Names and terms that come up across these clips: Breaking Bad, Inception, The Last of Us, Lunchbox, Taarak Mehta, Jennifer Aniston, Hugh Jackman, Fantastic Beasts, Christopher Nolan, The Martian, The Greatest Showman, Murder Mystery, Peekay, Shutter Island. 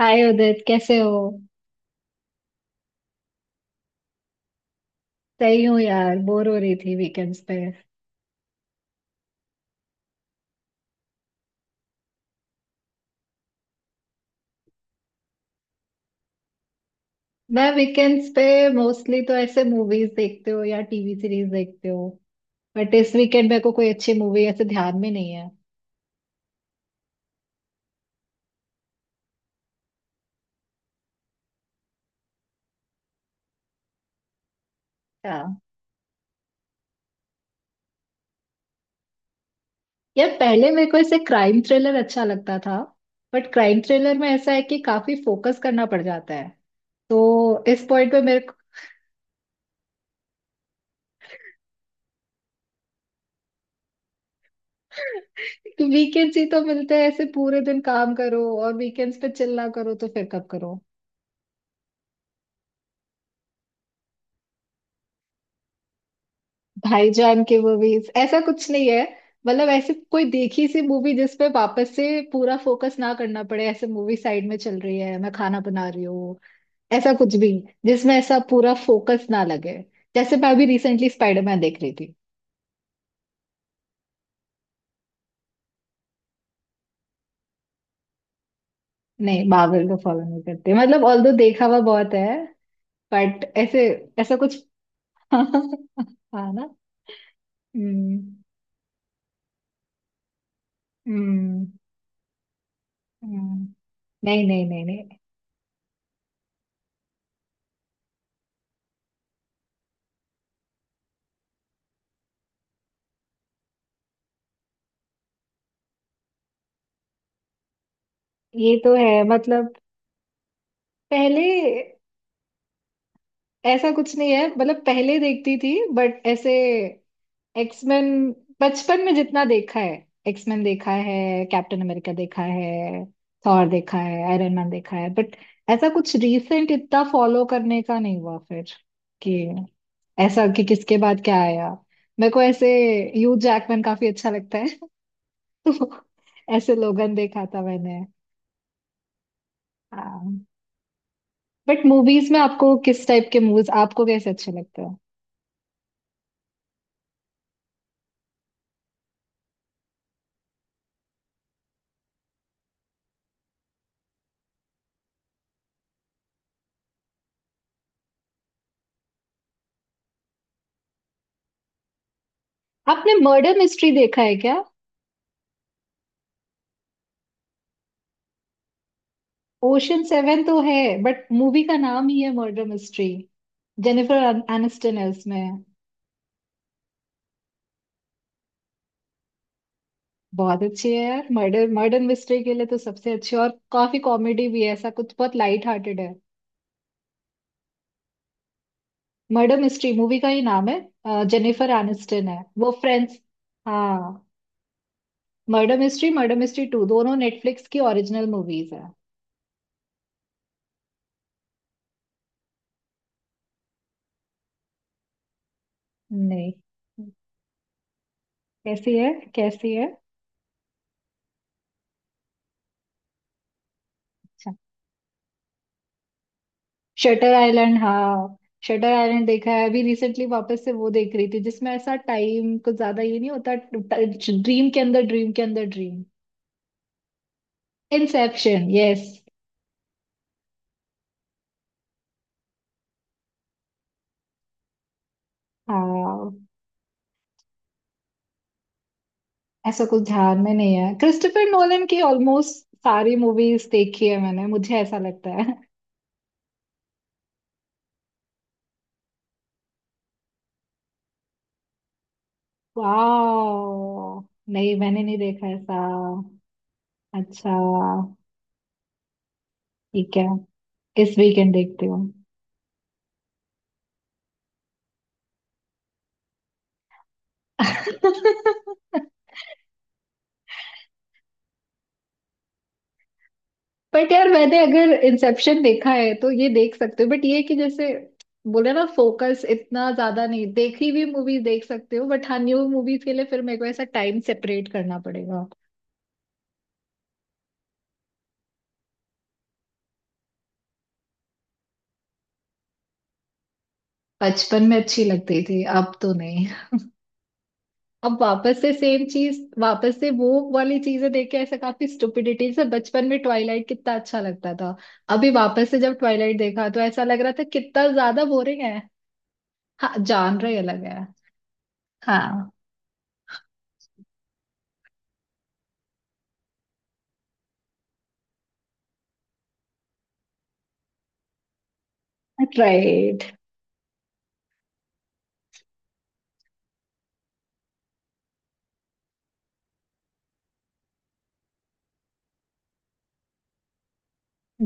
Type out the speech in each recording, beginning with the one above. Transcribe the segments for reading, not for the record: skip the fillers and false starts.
हाय उदित, कैसे हो। सही हूँ यार, बोर हो रही थी वीकेंड्स पे। मैं वीकेंड्स पे मोस्टली तो ऐसे मूवीज देखते हो या टीवी सीरीज देखते हो। बट इस वीकेंड मेरे को कोई अच्छी मूवी ऐसे ध्यान में नहीं है। हाँ। यार पहले मेरे को ऐसे क्राइम थ्रिलर अच्छा लगता था, बट क्राइम थ्रिलर में ऐसा है कि काफी फोकस करना पड़ जाता है। तो इस पॉइंट पे मेरे को वीकेंड्स ही तो मिलते हैं, ऐसे पूरे दिन काम करो और वीकेंड्स पे चिल्ला करो तो फिर कब करो। भाईजान के मूवीज ऐसा कुछ नहीं है। मतलब ऐसे कोई देखी सी मूवी जिस पे वापस से पूरा फोकस ना करना पड़े, ऐसे मूवी साइड में चल रही है, मैं खाना बना रही हूँ, ऐसा कुछ भी जिसमें ऐसा पूरा फोकस ना लगे। जैसे मैं अभी रिसेंटली स्पाइडरमैन देख रही थी। नहीं, मार्वल को फॉलो नहीं करते, मतलब ऑल्दो देखा हुआ बहुत है बट ऐसे ऐसा कुछ। हाँ ना। हम्म। हम्म। हम्म। नहीं नहीं नहीं नहीं। ये तो है मतलब पहले ऐसा कुछ नहीं है, मतलब पहले देखती थी बट ऐसे एक्समैन, बचपन में जितना देखा है एक्समैन देखा है, कैप्टन अमेरिका देखा है, थॉर देखा है, आयरन मैन देखा है। बट ऐसा कुछ रीसेंट इतना फॉलो करने का नहीं हुआ फिर, कि ऐसा कि किसके बाद क्या आया। मेरे को ऐसे ह्यू जैकमैन काफी अच्छा लगता है। तो ऐसे लोगन देखा था मैंने। बट मूवीज में आपको किस टाइप के मूवीज आपको कैसे अच्छे लगते हैं। आपने मर्डर मिस्ट्री देखा है क्या। ओशन सेवन तो है, बट मूवी का नाम ही है मर्डर मिस्ट्री। जेनिफर एनिस्टन है उसमें। बहुत अच्छी है यार, मर्डर मर्डर मिस्ट्री के लिए तो सबसे अच्छी, और काफी कॉमेडी भी है, ऐसा कुछ बहुत लाइट हार्टेड है। मर्डर मिस्ट्री मूवी का ही नाम है। जेनिफर एनिस्टन है, वो फ्रेंड्स। हाँ। Murder mystery, murder mystery two दोनों नेटफ्लिक्स की ओरिजिनल मूवीज है। नहीं। कैसी है, कैसी है। अच्छा। शटर आइलैंड, हाँ। शटर आइलैंड देखा है, अभी रिसेंटली वापस से वो देख रही थी, जिसमें ऐसा टाइम कुछ ज्यादा ये नहीं होता। ड्रीम के अंदर ड्रीम के अंदर ड्रीम। Inception, yes. हाँ। ऐसा कुछ ध्यान में नहीं है, क्रिस्टोफर नोलन की ऑलमोस्ट सारी मूवीज देखी है मैंने, मुझे ऐसा लगता है। वाह। नहीं, मैंने नहीं देखा ऐसा। अच्छा। ठीक है, इस वीकेंड देखती हूँ। बट यार मैंने अगर इंसेप्शन देखा है तो ये देख सकते हो, बट ये है कि जैसे बोले ना फोकस इतना ज्यादा नहीं, देखी हुई मूवी देख सकते हो, बट हाँ, न्यू मूवीज के लिए फिर मेरे को ऐसा टाइम सेपरेट करना पड़ेगा। बचपन में अच्छी लगती थी, अब तो नहीं। अब वापस से सेम चीज, वापस से वो वाली चीजें देख के ऐसा काफी स्टुपिडिटी, जैसे बचपन में ट्वाइलाइट कितना अच्छा लगता था, अभी वापस से जब ट्वाइलाइट देखा तो ऐसा लग रहा था कितना ज्यादा बोरिंग है। हाँ जानर ही अलग है। हाँ। राइट।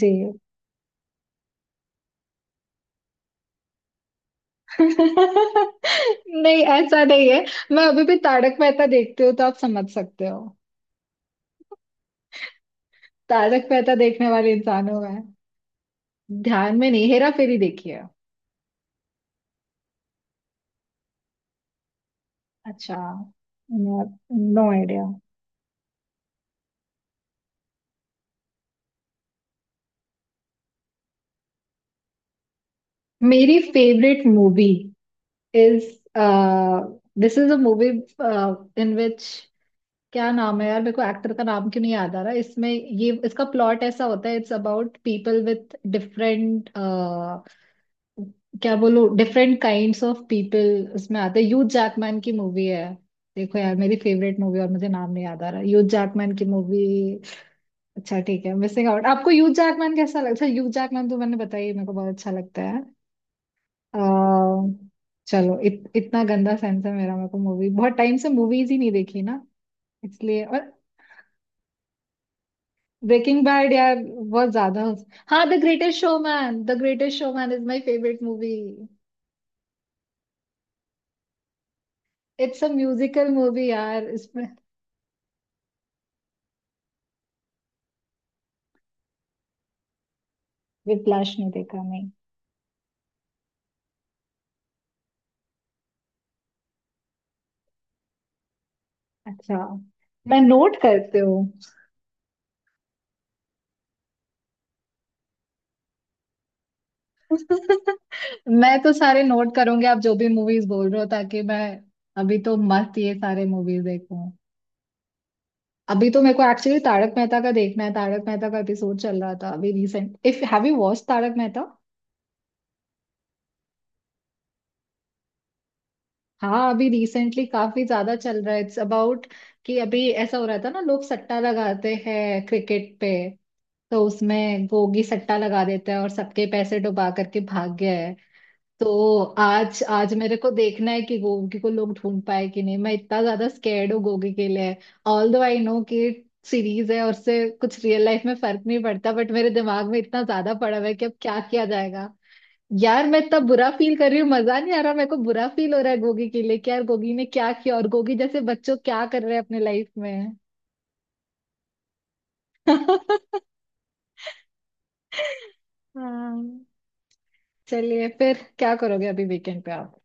जी। नहीं, ऐसा नहीं है। मैं अभी भी तारक मेहता देखती हूँ, तो आप समझ सकते हो। तारक मेहता देखने वाले इंसान हूँ मैं। ध्यान में नहीं, हेरा फेरी देखी है। अच्छा, नो आइडिया। मेरी favourite movie is, this is a movie in which, क्या नाम है यार, मेरे को एक्टर का नाम क्यों नहीं याद आ रहा, इसमें ये इसका प्लॉट ऐसा होता है, it's about people with different, क्या बोलो, डिफरेंट काइंड्स ऑफ पीपल उसमें आते हैं, ह्यूज जैकमैन की मूवी है। देखो यार, मेरी फेवरेट मूवी और मुझे नाम नहीं याद आ रहा, ह्यूज जैकमैन की मूवी। अच्छा, ठीक है, मिसिंग आउट। आपको ह्यूज जैकमैन कैसा लगता है। ह्यूज जैकमैन तो मैंने बताया ही, मेरे को बहुत अच्छा लगता है। अह, चलो, इतना गंदा सेंस है मेरा, मेरे को मूवी बहुत टाइम से मूवीज ही नहीं देखी ना, इसलिए। और ब्रेकिंग बैड, यार बहुत ज्यादा। हाँ, the Greatest Showman, the Greatest Showman is my favourite movie. It's a musical movie यार। विप्लाश नहीं देखा, नहीं। अच्छा, मैं नोट करते हूँ। मैं तो सारे नोट करूंगी, आप जो भी मूवीज बोल रहे हो, ताकि मैं अभी तो मस्त ये सारे मूवीज देखूं। अभी तो मेरे को एक्चुअली तारक मेहता का देखना है, तारक मेहता का एपिसोड चल रहा था अभी recent, if have you watch Tarak Mehta. हाँ, अभी रिसेंटली काफी ज्यादा चल रहा है। इट्स अबाउट कि अभी ऐसा हो रहा था ना, लोग सट्टा लगाते हैं क्रिकेट पे, तो उसमें गोगी सट्टा लगा देता है और सबके पैसे डुबा करके भाग गया है। तो आज, आज मेरे को देखना है कि गोगी को लोग ढूंढ पाए कि नहीं, मैं इतना ज्यादा स्कैर्ड हूँ गोगी के लिए। ऑल दो आई नो कि सीरीज है और उससे कुछ रियल लाइफ में फर्क नहीं पड़ता, बट मेरे दिमाग में इतना ज्यादा पड़ा हुआ है कि अब क्या किया जाएगा। यार मैं इतना बुरा फील कर रही हूँ, मजा नहीं आ रहा, मेरे को बुरा फील हो रहा है गोगी के लिए, कि यार गोगी ने क्या किया, और गोगी जैसे बच्चों क्या कर रहे हैं अपने लाइफ में। हाँ। चलिए, फिर क्या करोगे अभी वीकेंड पे आप।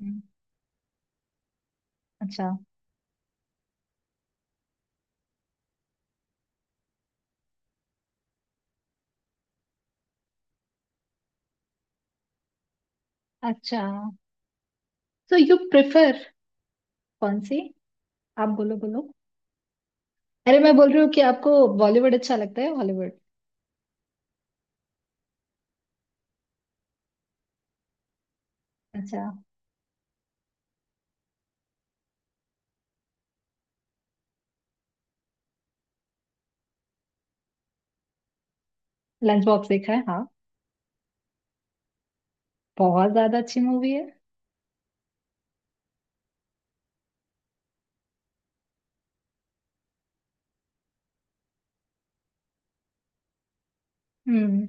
हम्म। अच्छा। अच्छा। सो यू प्रेफर, कौन सी। आप बोलो बोलो। अरे मैं बोल रही हूँ कि आपको बॉलीवुड अच्छा लगता है, हॉलीवुड। अच्छा। लंच बॉक्स देखा है, हाँ। बहुत ज्यादा अच्छी मूवी है। हम्म,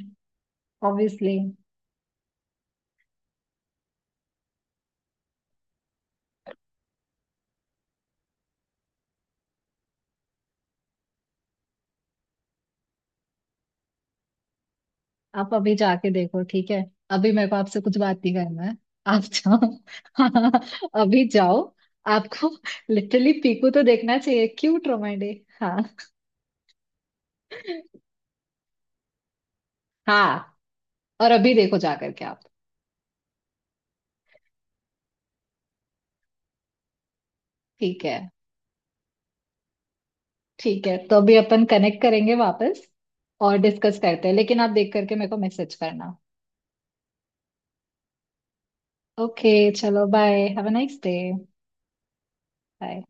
ऑब्वियसली। आप अभी जाके देखो, ठीक है। अभी मेरे को आपसे कुछ बात नहीं करना है। आप जाओ। अभी जाओ। आपको लिटरली पीकू तो देखना चाहिए, क्यूट रोमांडी। हाँ। हाँ, और अभी देखो जा करके आप। ठीक है। ठीक है, तो अभी अपन कनेक्ट करेंगे वापस, और डिस्कस करते हैं, लेकिन आप देख करके मेरे को मैसेज करना। ओके। चलो bye, have a nice day. Bye.